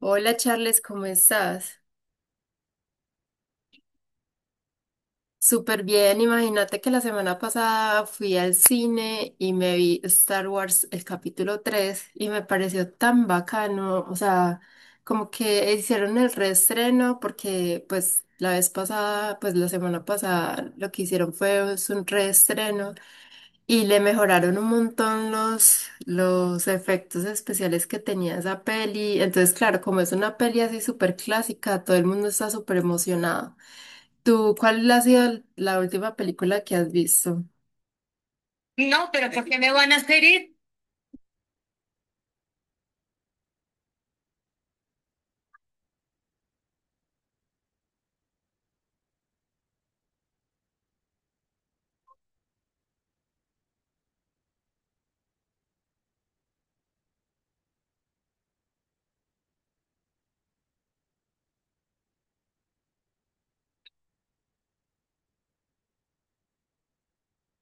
Hola, Charles, ¿cómo estás? Súper bien, imagínate que la semana pasada fui al cine y me vi Star Wars el capítulo 3 y me pareció tan bacano, o sea, como que hicieron el reestreno porque pues la vez pasada, pues la semana pasada lo que hicieron fue es un reestreno y le mejoraron un montón los efectos especiales que tenía esa peli, entonces claro, como es una peli así súper clásica, todo el mundo está súper emocionado. ¿Tú cuál ha sido la última película que has visto? No, pero ¿por qué me van a hacer ir?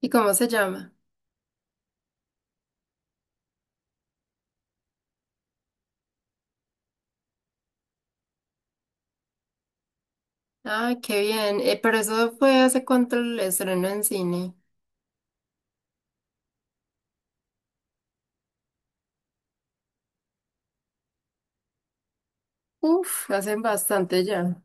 ¿Y cómo se llama? Ah, qué bien. Pero eso fue hace cuánto el estreno en cine. Uf, hacen bastante ya.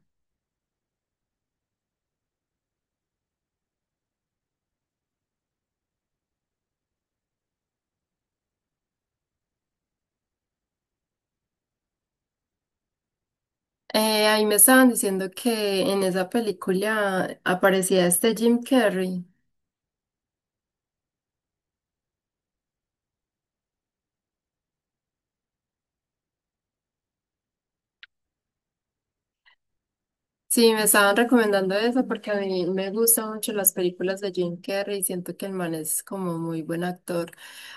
Ahí me estaban diciendo que en esa película aparecía este Jim Carrey. Sí, me estaban recomendando eso porque a mí me gustan mucho las películas de Jim Carrey y siento que el man es como muy buen actor.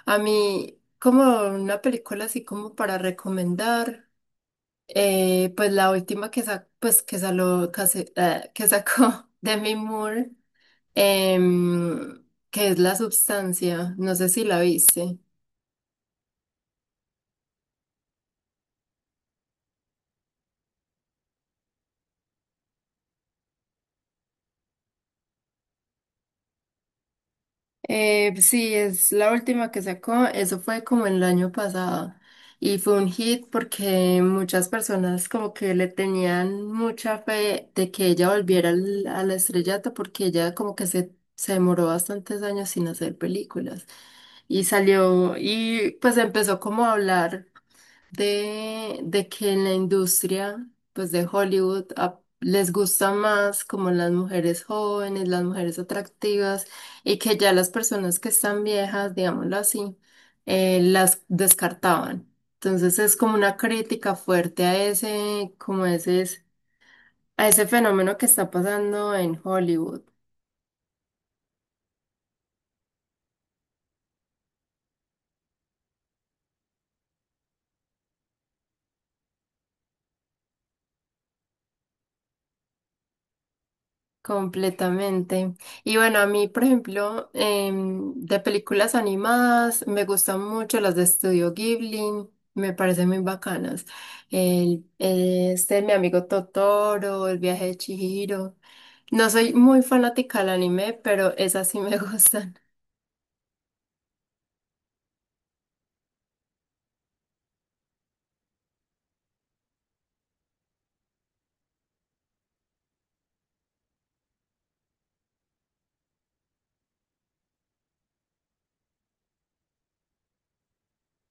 A mí, como una película así como para recomendar, pues la última que, pues que, que sacó Demi Moore, em, que es La Substancia, no sé si la viste. Sí, es la última que sacó, eso fue como el año pasado y fue un hit porque muchas personas como que le tenían mucha fe de que ella volviera al estrellato porque ella como que se demoró bastantes años sin hacer películas y salió y pues empezó como a hablar de que en la industria, pues de Hollywood, les gusta más como las mujeres jóvenes, las mujeres atractivas, y que ya las personas que están viejas, digámoslo así, las descartaban. Entonces es como una crítica fuerte a ese, como ese, a ese fenómeno que está pasando en Hollywood. Completamente. Y bueno, a mí, por ejemplo, de películas animadas, me gustan mucho las de Estudio Ghibli, me parecen muy bacanas. Mi amigo Totoro, El viaje de Chihiro. No soy muy fanática del anime, pero esas sí me gustan.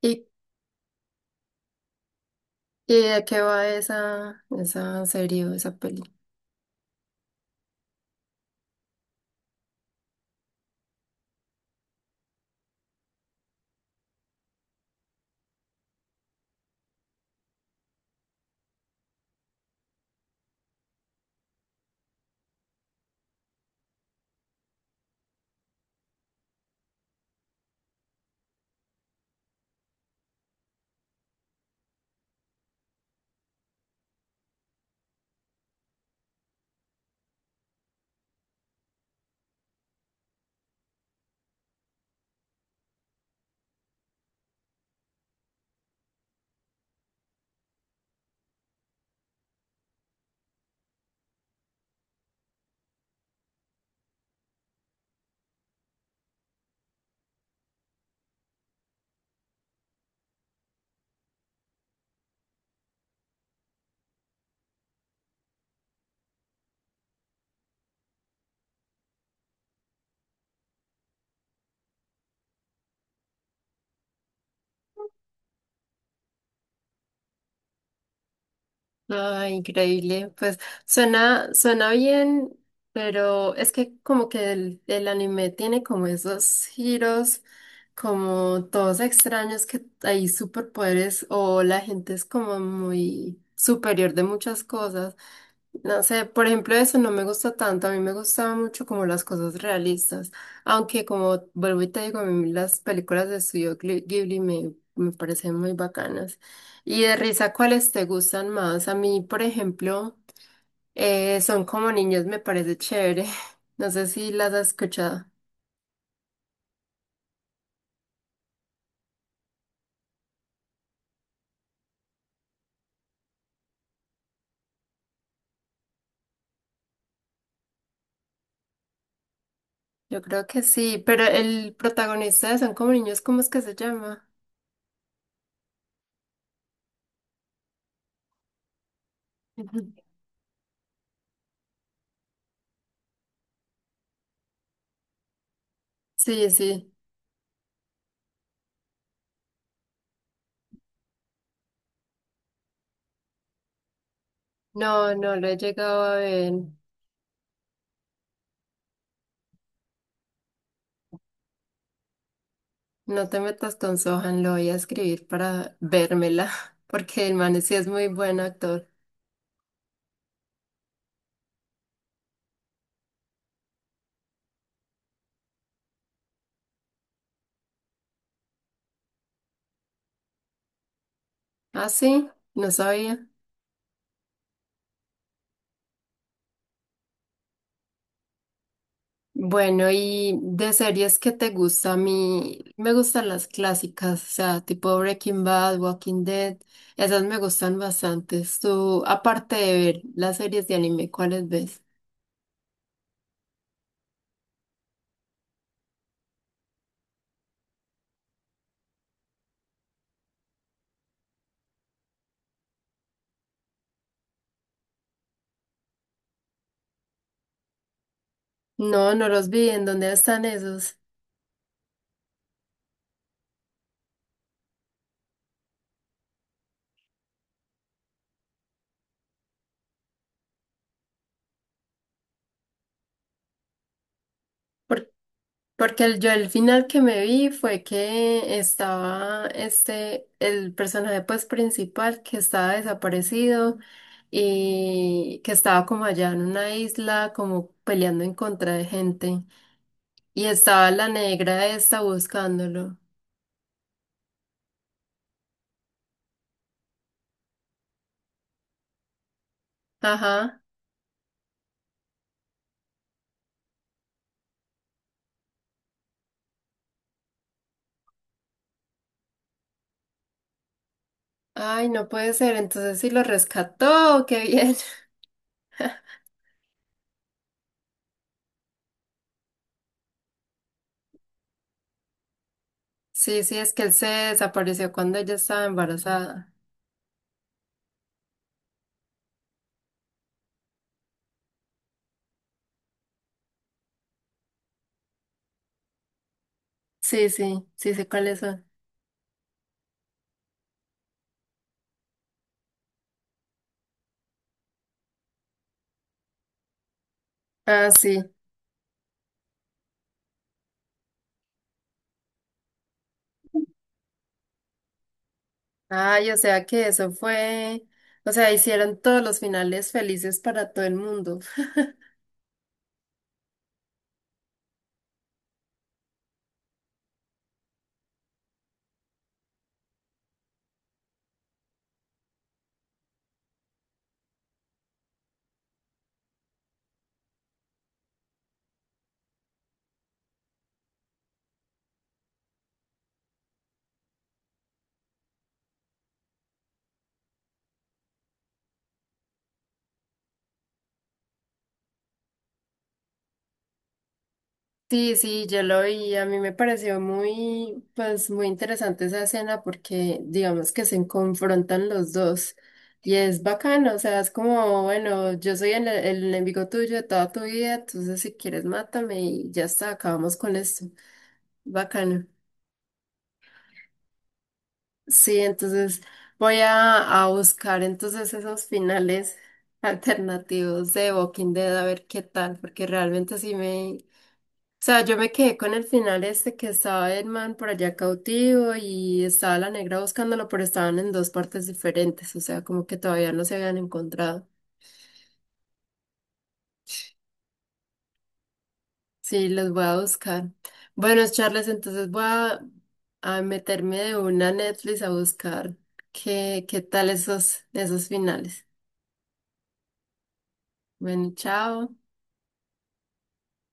¿Y, y de qué va esa, esa serie o esa película? Ay, increíble. Pues suena, suena bien, pero es que como que el anime tiene como esos giros, como todos extraños que hay superpoderes o la gente es como muy superior de muchas cosas. No sé, por ejemplo, eso no me gusta tanto. A mí me gustaban mucho como las cosas realistas. Aunque como vuelvo y te digo, a mí las películas de Ghibli me, me parecen muy bacanas. Y de risa, ¿cuáles te gustan más? A mí, por ejemplo, Son como niños me parece chévere. No sé si las has escuchado. Yo creo que sí, pero el protagonista de Son como niños, ¿cómo es que se llama? Ujú. Sí, sí. No, no lo he llegado a ver. No te metas con Sohan, lo voy a escribir para vérmela, porque el man sí es muy buen actor. Ah, sí, no sabía. Bueno, y de series que te gusta a mí, me gustan las clásicas, o sea, tipo Breaking Bad, Walking Dead, esas me gustan bastante. Tú, aparte de ver las series de anime, ¿cuáles ves? No, no los vi, ¿en dónde están esos? Porque yo el final que me vi fue que estaba este, el personaje pues principal que estaba desaparecido y que estaba como allá en una isla como peleando en contra de gente y estaba la negra esta buscándolo. Ajá. Ay, no puede ser, entonces sí lo rescató, qué bien. Sí, sí, es que él se desapareció cuando ella estaba embarazada. Sí, sí, sí sé cuáles son. Ah, sí. Ay, o sea que eso fue, o sea, hicieron todos los finales felices para todo el mundo. Sí, sí, yo lo vi, a mí me pareció muy, pues muy interesante esa escena porque digamos que se confrontan los dos y es bacano, o sea, es como, bueno, yo soy el enemigo tuyo de toda tu vida, entonces si quieres mátame y ya está, acabamos con esto. Bacano. Sí, entonces voy a buscar entonces esos finales alternativos de Walking Dead a ver qué tal, porque realmente sí me... O sea, yo me quedé con el final este que estaba Edman por allá cautivo y estaba la negra buscándolo, pero estaban en dos partes diferentes, o sea, como que todavía no se habían encontrado. Sí, los voy a buscar. Bueno, Charles, entonces voy a meterme de una a Netflix a buscar qué, qué tal esos, esos finales. Bueno, chao.